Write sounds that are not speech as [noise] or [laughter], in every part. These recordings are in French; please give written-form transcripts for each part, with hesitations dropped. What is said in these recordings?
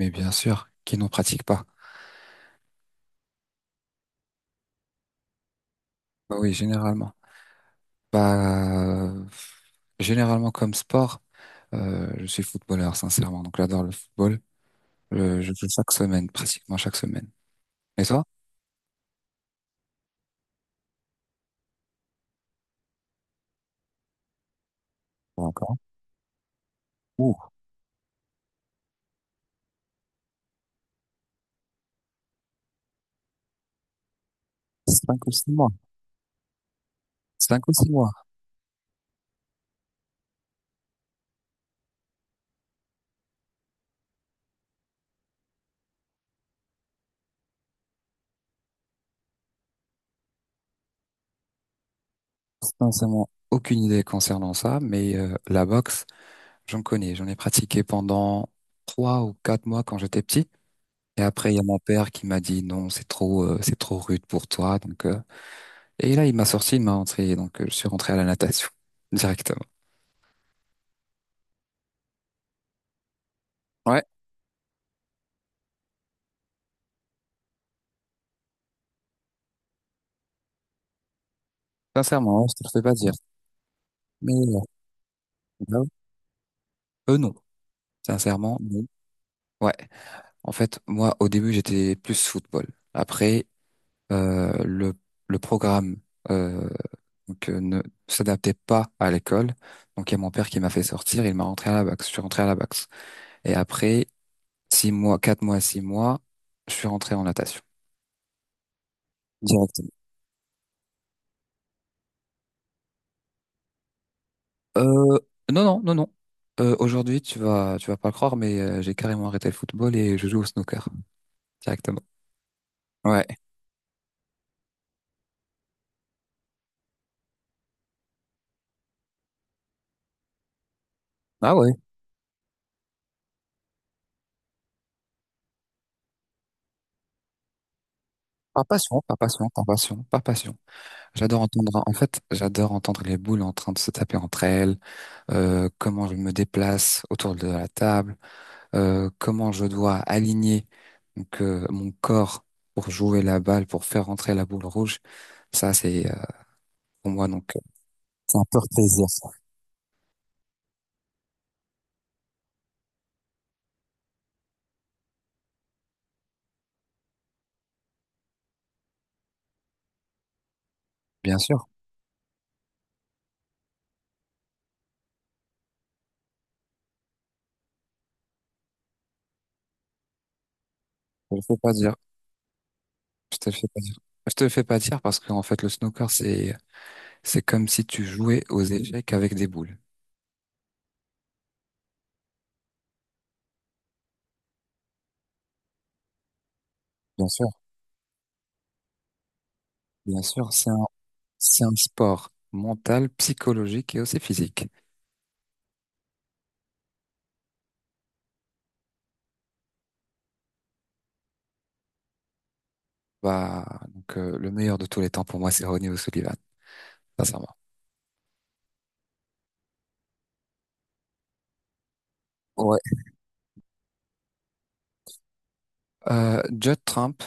Mais bien sûr, qui n'en pratique pas. Bah oui, généralement. Bah, généralement comme sport, je suis footballeur, sincèrement. Donc j'adore le football. Je joue chaque semaine, pratiquement chaque semaine. Et toi? Pas encore. Ouh, 5 ou 6 mois. 5 ou 6 mois. Sincèrement, aucune idée concernant ça, mais la boxe, j'en connais. J'en ai pratiqué pendant 3 ou 4 mois quand j'étais petit. Et après, il y a mon père qui m'a dit non, c'est trop rude pour toi. Donc. Et là, il m'a sorti, il m'a rentré, donc je suis rentré à la natation [laughs] directement. Ouais, sincèrement, hein, je te le fais pas dire. Mais bah oui. Eux, non. Sincèrement, non. Ouais. En fait, moi, au début, j'étais plus football. Après, euh, le le programme euh, donc ne s'adaptait pas à l'école. Donc il y a mon père qui m'a fait sortir, il m'a rentré à la boxe. Je suis rentré à la boxe. Et après 6 mois, 4 mois, 6 mois, je suis rentré en natation. Euh, non, non, non, non. Aujourd'hui, tu vas pas le croire, mais j'ai carrément arrêté le football et je joue au snooker directement. Ouais. Ah ouais. Par passion, par passion, par passion, par passion. J'adore entendre, en fait, j'adore entendre les boules en train de se taper entre elles, comment je me déplace autour de la table, comment je dois aligner donc, mon corps pour jouer la balle, pour faire rentrer la boule rouge. Ça, c'est pour moi donc c'est un pur plaisir. Ça. Bien sûr, je ne peux pas dire. Je te le fais pas dire. Je te le fais pas dire parce qu'en fait, le snooker, c'est comme si tu jouais aux échecs avec des boules. Bien sûr, bien sûr, c'est un sport mental, psychologique et aussi physique. Bah, donc, le meilleur de tous les temps pour moi, c'est Ronnie O'Sullivan, sincèrement. Ouais. Judd Trump,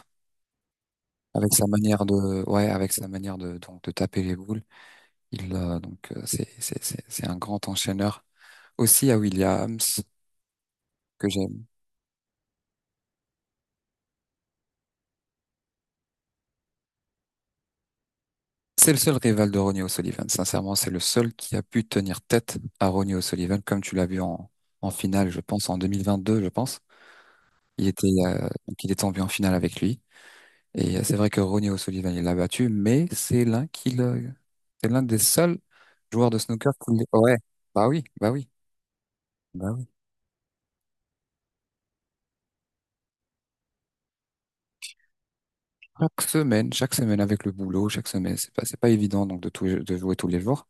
avec sa manière de, ouais, avec sa manière de, donc, de taper les boules, il, donc, c'est un grand enchaîneur. Aussi à Williams, que j'aime. C'est le seul rival de Ronnie O'Sullivan. Sincèrement, c'est le seul qui a pu tenir tête à Ronnie O'Sullivan, comme tu l'as vu en, en finale, je pense, en 2022, je pense. Il était, donc il est tombé en finale avec lui. Et c'est vrai que Ronnie O'Sullivan, il l'a battu, mais c'est l'un qui le- c'est l'un des seuls joueurs de snooker qui le- Ouais, bah oui, bah oui, bah oui. Chaque semaine avec le boulot, chaque semaine, c'est pas évident donc de tout, de jouer tous les jours,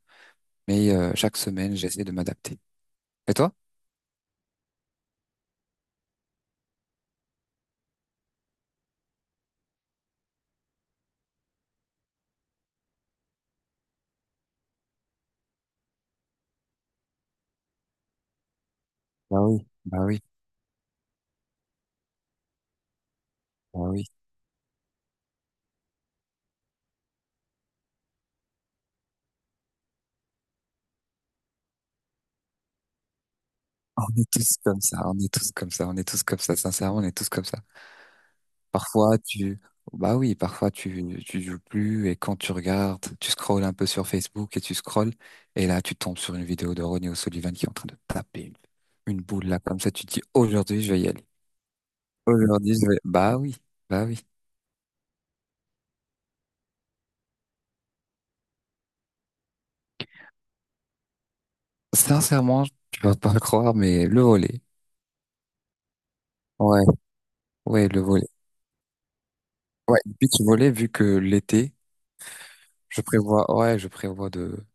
mais chaque semaine, j'essaie de m'adapter. Et toi? Bah oui, bah oui. Bah oui. On est tous comme ça, on est tous comme ça, on est tous comme ça, sincèrement, on est tous comme ça. Parfois, tu, bah oui, parfois tu joues plus et quand tu regardes, tu scrolles un peu sur Facebook et tu scrolles et là, tu tombes sur une vidéo de Ronnie O'Sullivan qui est en train de taper une boule là, comme ça, tu te dis, aujourd'hui, je vais y aller. Aujourd'hui, je vais, bah oui, bah oui. Sincèrement, tu vas pas le croire, mais le volley. Ouais, ouais, le volley. Ouais, le pitch volley, vu que l'été, je prévois, ouais, je prévois de,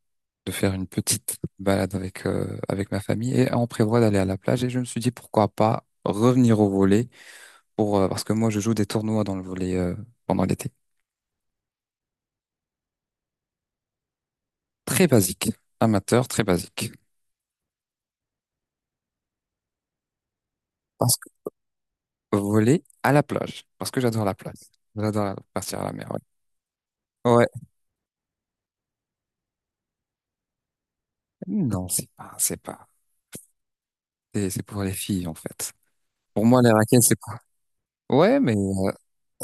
de faire une petite balade avec, avec ma famille et on prévoit d'aller à la plage et je me suis dit pourquoi pas revenir au volley pour, parce que moi je joue des tournois dans le volley pendant l'été. Très basique, amateur, très basique. Parce que volley à la plage, parce que j'adore la plage. J'adore partir à la mer, ouais. Ouais. Non, c'est pas, c'est pas. C'est pour les filles en fait. Pour moi les raquettes c'est pas. Ouais, mais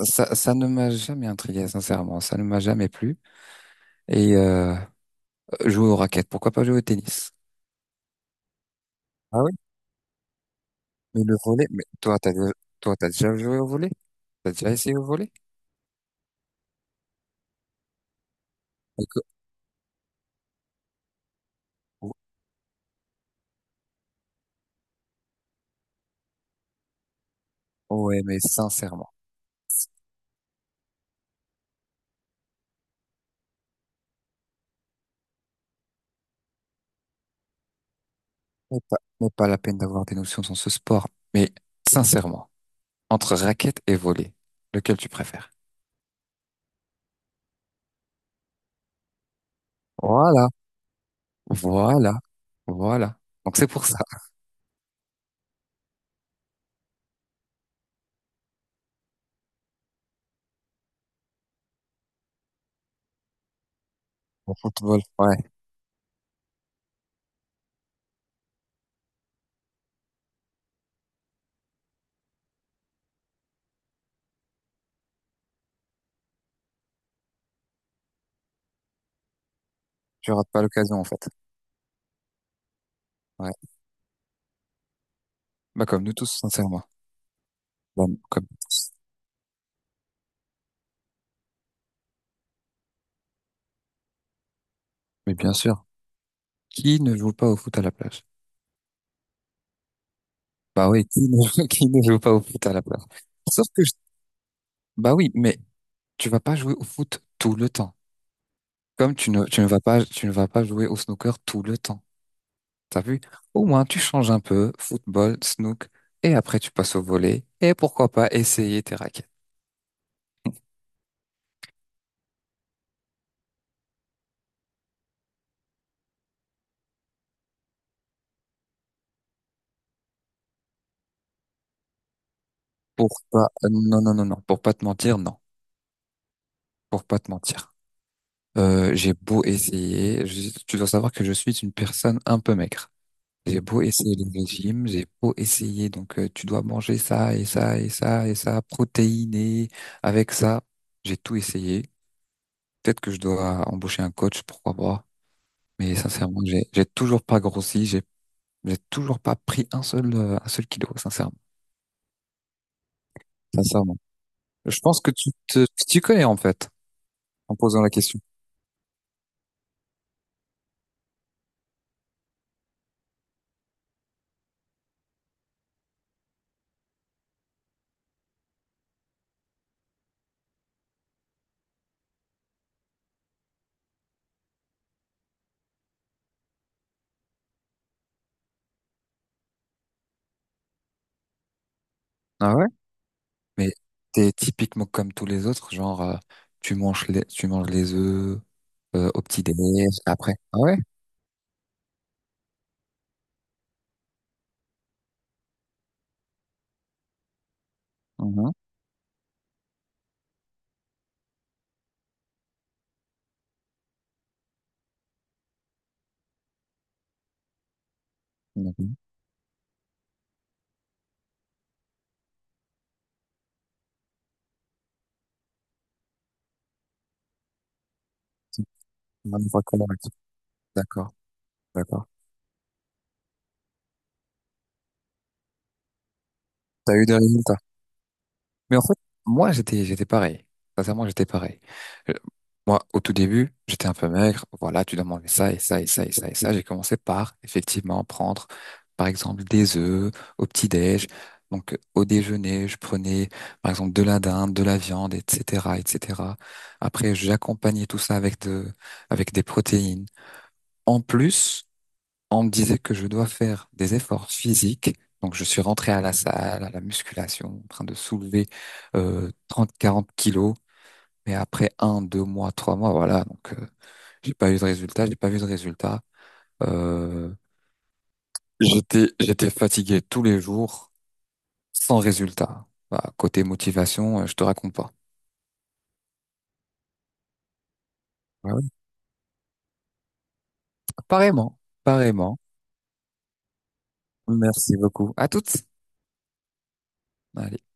ça, ça ne m'a jamais intrigué, sincèrement. Ça ne m'a jamais plu. Et jouer aux raquettes, pourquoi pas jouer au tennis? Ah oui, mais le volet, mais toi, t'as déjà joué au volet? T'as déjà essayé au volet? Parce que- ou- Ouais, mais sincèrement, mais pas la peine d'avoir des notions dans ce sport. Mais sincèrement, entre raquette et volet, lequel tu préfères? Voilà, voilà, voilà. Donc c'est pour ça. [laughs] Au football, ouais, tu rates pas l'occasion en fait. Ouais, bah comme nous tous, sincèrement. Bah, comme nous tous. Mais bien sûr, qui ne joue pas au foot à la plage? Bah oui, qui ne, [laughs] qui ne joue pas au foot à la plage? Sauf que je- bah oui, mais tu vas pas jouer au foot tout le temps. Comme tu ne vas pas, tu ne vas pas jouer au snooker tout le temps. T'as vu? Au moins, tu changes un peu, football, snook, et après tu passes au volley, et pourquoi pas essayer tes raquettes. [laughs] Pour pas, non, non, non, non, pour pas te mentir, non. Pour pas te mentir. J'ai beau essayer, tu dois savoir que je suis une personne un peu maigre. J'ai beau essayer les régimes, j'ai beau essayer, donc tu dois manger ça et ça et ça et ça, protéiné avec ça. J'ai tout essayé. Peut-être que je dois embaucher un coach, pourquoi pas. Mais sincèrement, j'ai toujours pas grossi, j'ai toujours pas pris un seul kilo, sincèrement. Sincèrement. Je pense que tu te tu connais en fait en posant la question. Ah ouais. Mais t'es typiquement comme tous les autres, genre tu manges les œufs au petit déjeuner après. Ah ouais? Mhm. D'accord. Une fois qu'on a- D'accord, d'accord. T'as eu des résultats? Mais en fait, moi, j'étais pareil. Sincèrement, j'étais pareil. Euh, Moi, au tout début, j'étais un peu maigre. Voilà, tu dois manger ça et ça et ça et ça et ça. J'ai commencé par, effectivement, prendre, par exemple, des œufs au petit-déj. Donc, au déjeuner, je prenais, par exemple, de la dinde, de la viande, etc., etc. Après, j'accompagnais tout ça avec des protéines. En plus, on me disait que je dois faire des efforts physiques. Donc, je suis rentré à la salle, à la musculation, en train de soulever 30-40 kilos. Mais après un, 2 mois, 3 mois, voilà. Donc, j'ai pas eu de résultat. J'ai pas vu de résultat. Euh, j'étais fatigué tous les jours, sans résultat. Bah, côté motivation, je te raconte pas. Ouais, ouais. Apparemment, apparemment. Merci beaucoup. À toutes. Allez.